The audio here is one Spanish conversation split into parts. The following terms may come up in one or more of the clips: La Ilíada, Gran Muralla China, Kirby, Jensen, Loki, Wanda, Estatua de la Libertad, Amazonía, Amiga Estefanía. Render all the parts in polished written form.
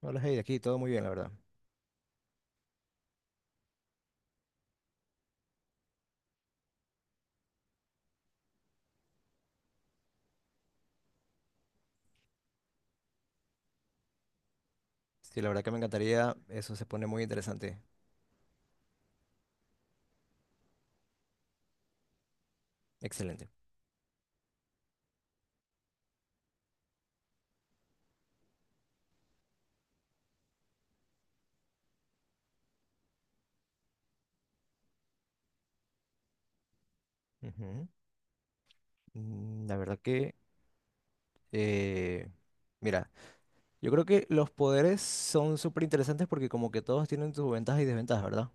Hola, Heidi, aquí todo muy bien, la verdad. Sí, la verdad que me encantaría, eso se pone muy interesante. Excelente. Ujú. La verdad que, eh, mira, yo creo que los poderes son súper interesantes porque como que todos tienen sus ventajas y desventajas, ¿verdad?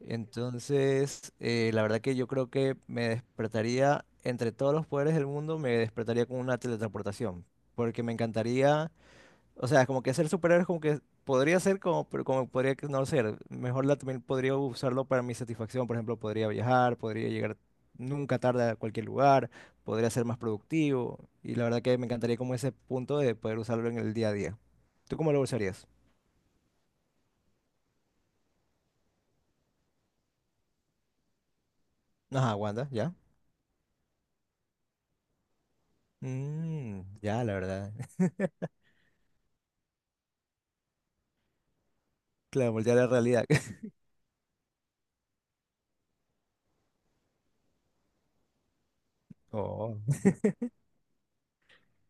Entonces, la verdad que yo creo que me despertaría, entre todos los poderes del mundo, me despertaría con una teletransportación, porque me encantaría. O sea, como que ser superhéroe es como que podría ser como, pero como podría que no ser. Mejor la, también podría usarlo para mi satisfacción. Por ejemplo, podría viajar, podría llegar nunca tarde a cualquier lugar, podría ser más productivo. Y la verdad que me encantaría como ese punto de poder usarlo en el día a día. ¿Tú cómo lo usarías? Ajá, Wanda, ¿ya? Mm, ya, la verdad. Claro, voltear a la realidad. Oh.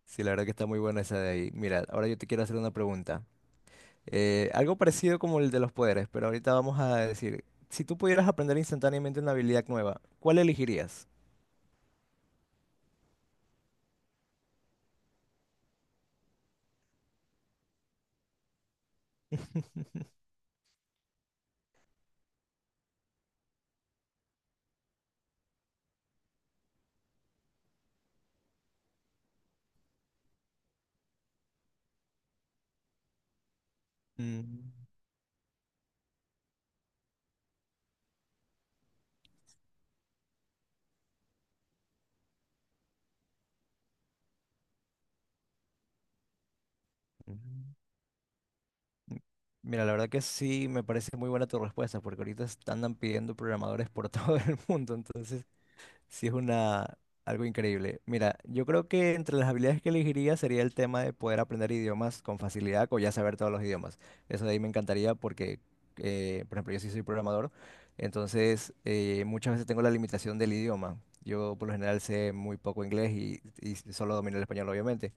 Sí, la verdad que está muy buena esa de ahí. Mira, ahora yo te quiero hacer una pregunta. Algo parecido como el de los poderes, pero ahorita vamos a decir, si tú pudieras aprender instantáneamente una habilidad nueva, ¿cuál elegirías? Mm, mm. Mira, la verdad que sí me parece muy buena tu respuesta, porque ahorita andan pidiendo programadores por todo el mundo, entonces sí, es una, algo increíble. Mira, yo creo que entre las habilidades que elegiría sería el tema de poder aprender idiomas con facilidad o ya saber todos los idiomas. Eso de ahí me encantaría porque, por ejemplo, yo sí soy programador, entonces muchas veces tengo la limitación del idioma. Yo por lo general sé muy poco inglés y solo domino el español, obviamente.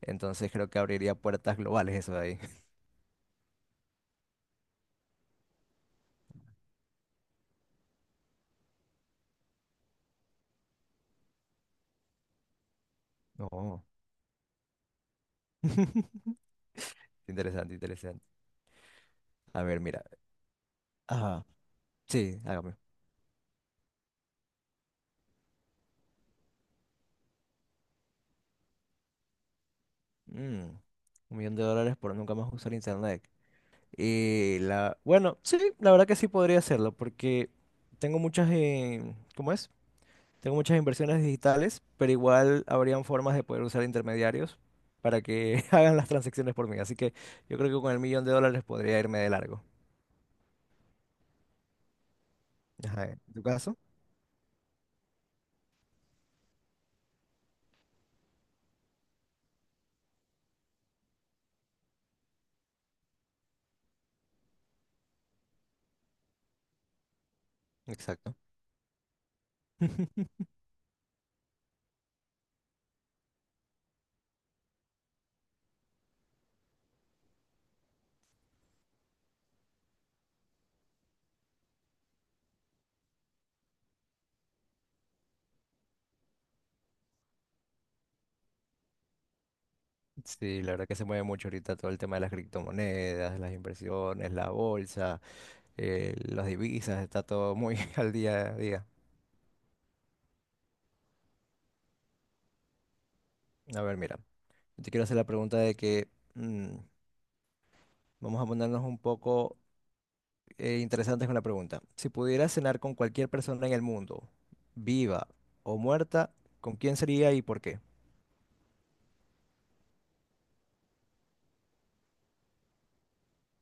Entonces creo que abriría puertas globales eso de ahí. Oh. Interesante, interesante. A ver, mira. Ajá. Sí, hágame. Mm, un millón de dólares por nunca más usar internet. Y la, bueno, sí, la verdad que sí podría hacerlo, porque tengo muchas, ¿cómo es? Tengo muchas inversiones digitales, pero igual habrían formas de poder usar intermediarios para que hagan las transacciones por mí. Así que yo creo que con el millón de dólares podría irme de largo. Ajá, ¿en tu caso? Exacto. Sí, la verdad que se mueve mucho ahorita todo el tema de las criptomonedas, las inversiones, la bolsa, las divisas, está todo muy al día a día. A ver, mira, yo te quiero hacer la pregunta de que mm, vamos a ponernos un poco interesantes con la pregunta. Si pudieras cenar con cualquier persona en el mundo, viva o muerta, ¿con quién sería y por qué?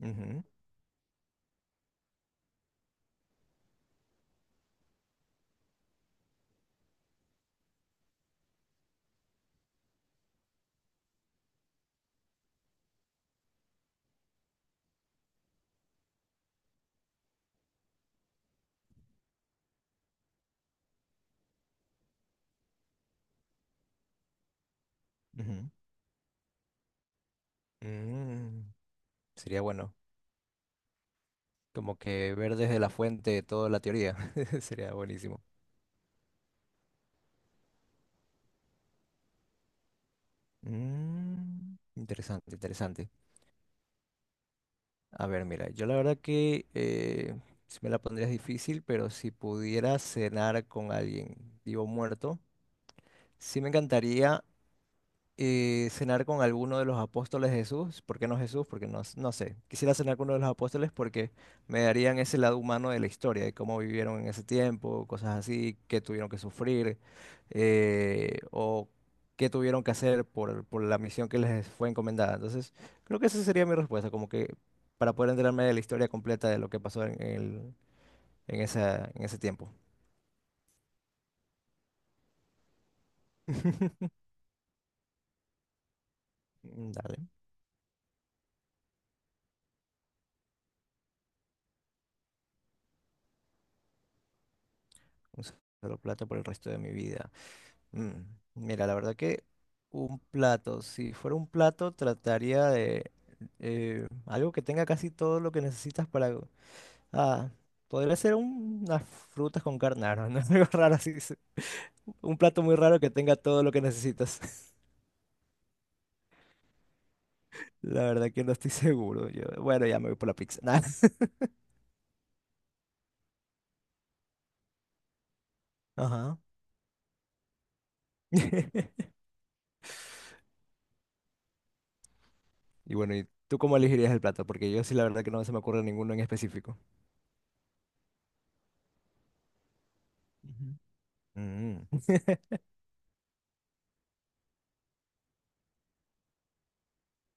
Ujú, ujú. Mm, Sería bueno, como que ver desde la fuente toda la teoría, sería buenísimo. Mm, interesante, interesante. A ver, mira, yo la verdad que si me la pondrías difícil, pero si pudiera cenar con alguien vivo o muerto. Sí me encantaría cenar con alguno de los apóstoles de Jesús. ¿Por qué no Jesús? Porque no, no sé. Quisiera cenar con uno de los apóstoles porque me darían ese lado humano de la historia, de cómo vivieron en ese tiempo, cosas así, qué tuvieron que sufrir o qué tuvieron que hacer por la misión que les fue encomendada. Entonces, creo que esa sería mi respuesta, como que para poder enterarme de la historia completa de lo que pasó en, en, en ese tiempo. Dale, un solo plato por el resto de mi vida. Mm, Mira, la verdad que un plato, si fuera un plato, trataría de algo que tenga casi todo lo que necesitas para... Ah, podría ser unas frutas con carne, ah, no, no, algo raro así. Un plato muy raro que tenga todo lo que necesitas. La verdad que no estoy seguro. Yo, bueno, ya me voy por la pizza. Nah. Ajá. Y bueno, ¿y tú cómo elegirías el plato? Porque yo sí, la verdad que no se me ocurre ninguno en específico. Ujú. Mm.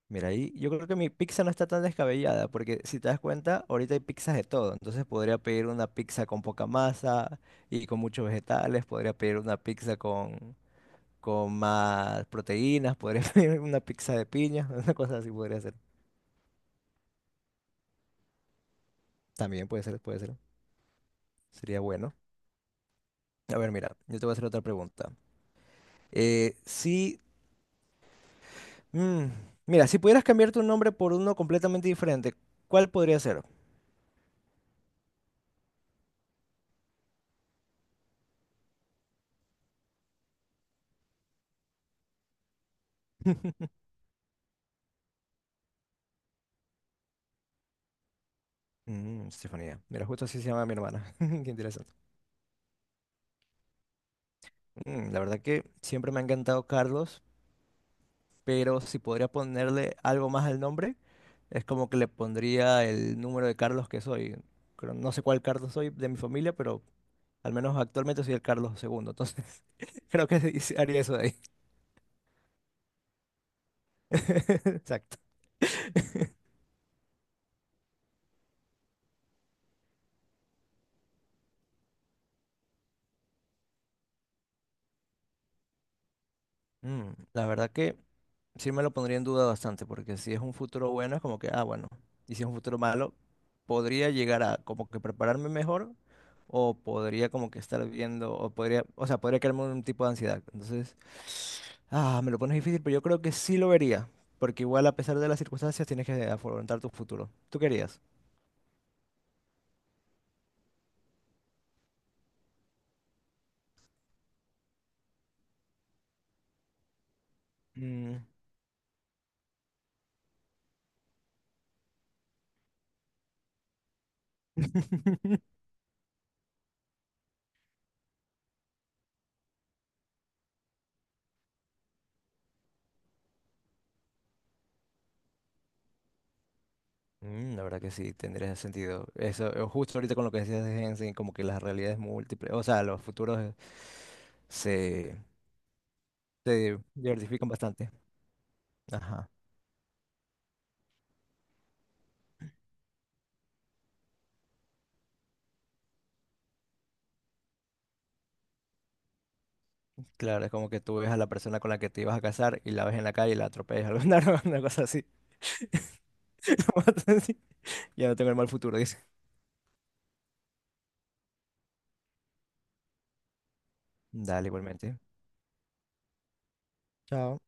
Mira, ahí yo creo que mi pizza no está tan descabellada, porque si te das cuenta, ahorita hay pizzas de todo. Entonces podría pedir una pizza con poca masa y con muchos vegetales, podría pedir una pizza con más proteínas, podría pedir una pizza de piña, una cosa así podría ser. También puede ser, puede ser. Sería bueno. A ver, mira, yo te voy a hacer otra pregunta. Eh, si, mm, mira, si pudieras cambiar tu nombre por uno completamente diferente, ¿cuál podría ser? Estefanía. Mira, justo así se llama mi hermana. Qué interesante. La verdad que siempre me ha encantado Carlos, pero si podría ponerle algo más al nombre, es como que le pondría el número de Carlos que soy. No sé cuál Carlos soy de mi familia, pero al menos actualmente soy el Carlos segundo, entonces creo que sí haría eso de ahí. Exacto. La verdad que sí me lo pondría en duda bastante, porque si es un futuro bueno, es como que, ah, bueno, y si es un futuro malo, podría llegar a como que prepararme mejor, o podría como que estar viendo, o podría, o sea, podría crearme un tipo de ansiedad. Entonces, ah, me lo pones difícil, pero yo creo que sí lo vería, porque igual a pesar de las circunstancias tienes que afrontar tu futuro. ¿Tú querías? Mm. La verdad que sí, tendría ese sentido. Eso, justo ahorita con lo que decías de Jensen, como que las realidades múltiples, o sea, los futuros se, te diversifican bastante. Ajá. Claro, es como que tú ves a la persona con la que te ibas a casar y la ves en la calle y la atropellas, alguna una cosa así. Una cosa así. Ya no tengo el mal futuro, dice. Dale, igualmente. Chao.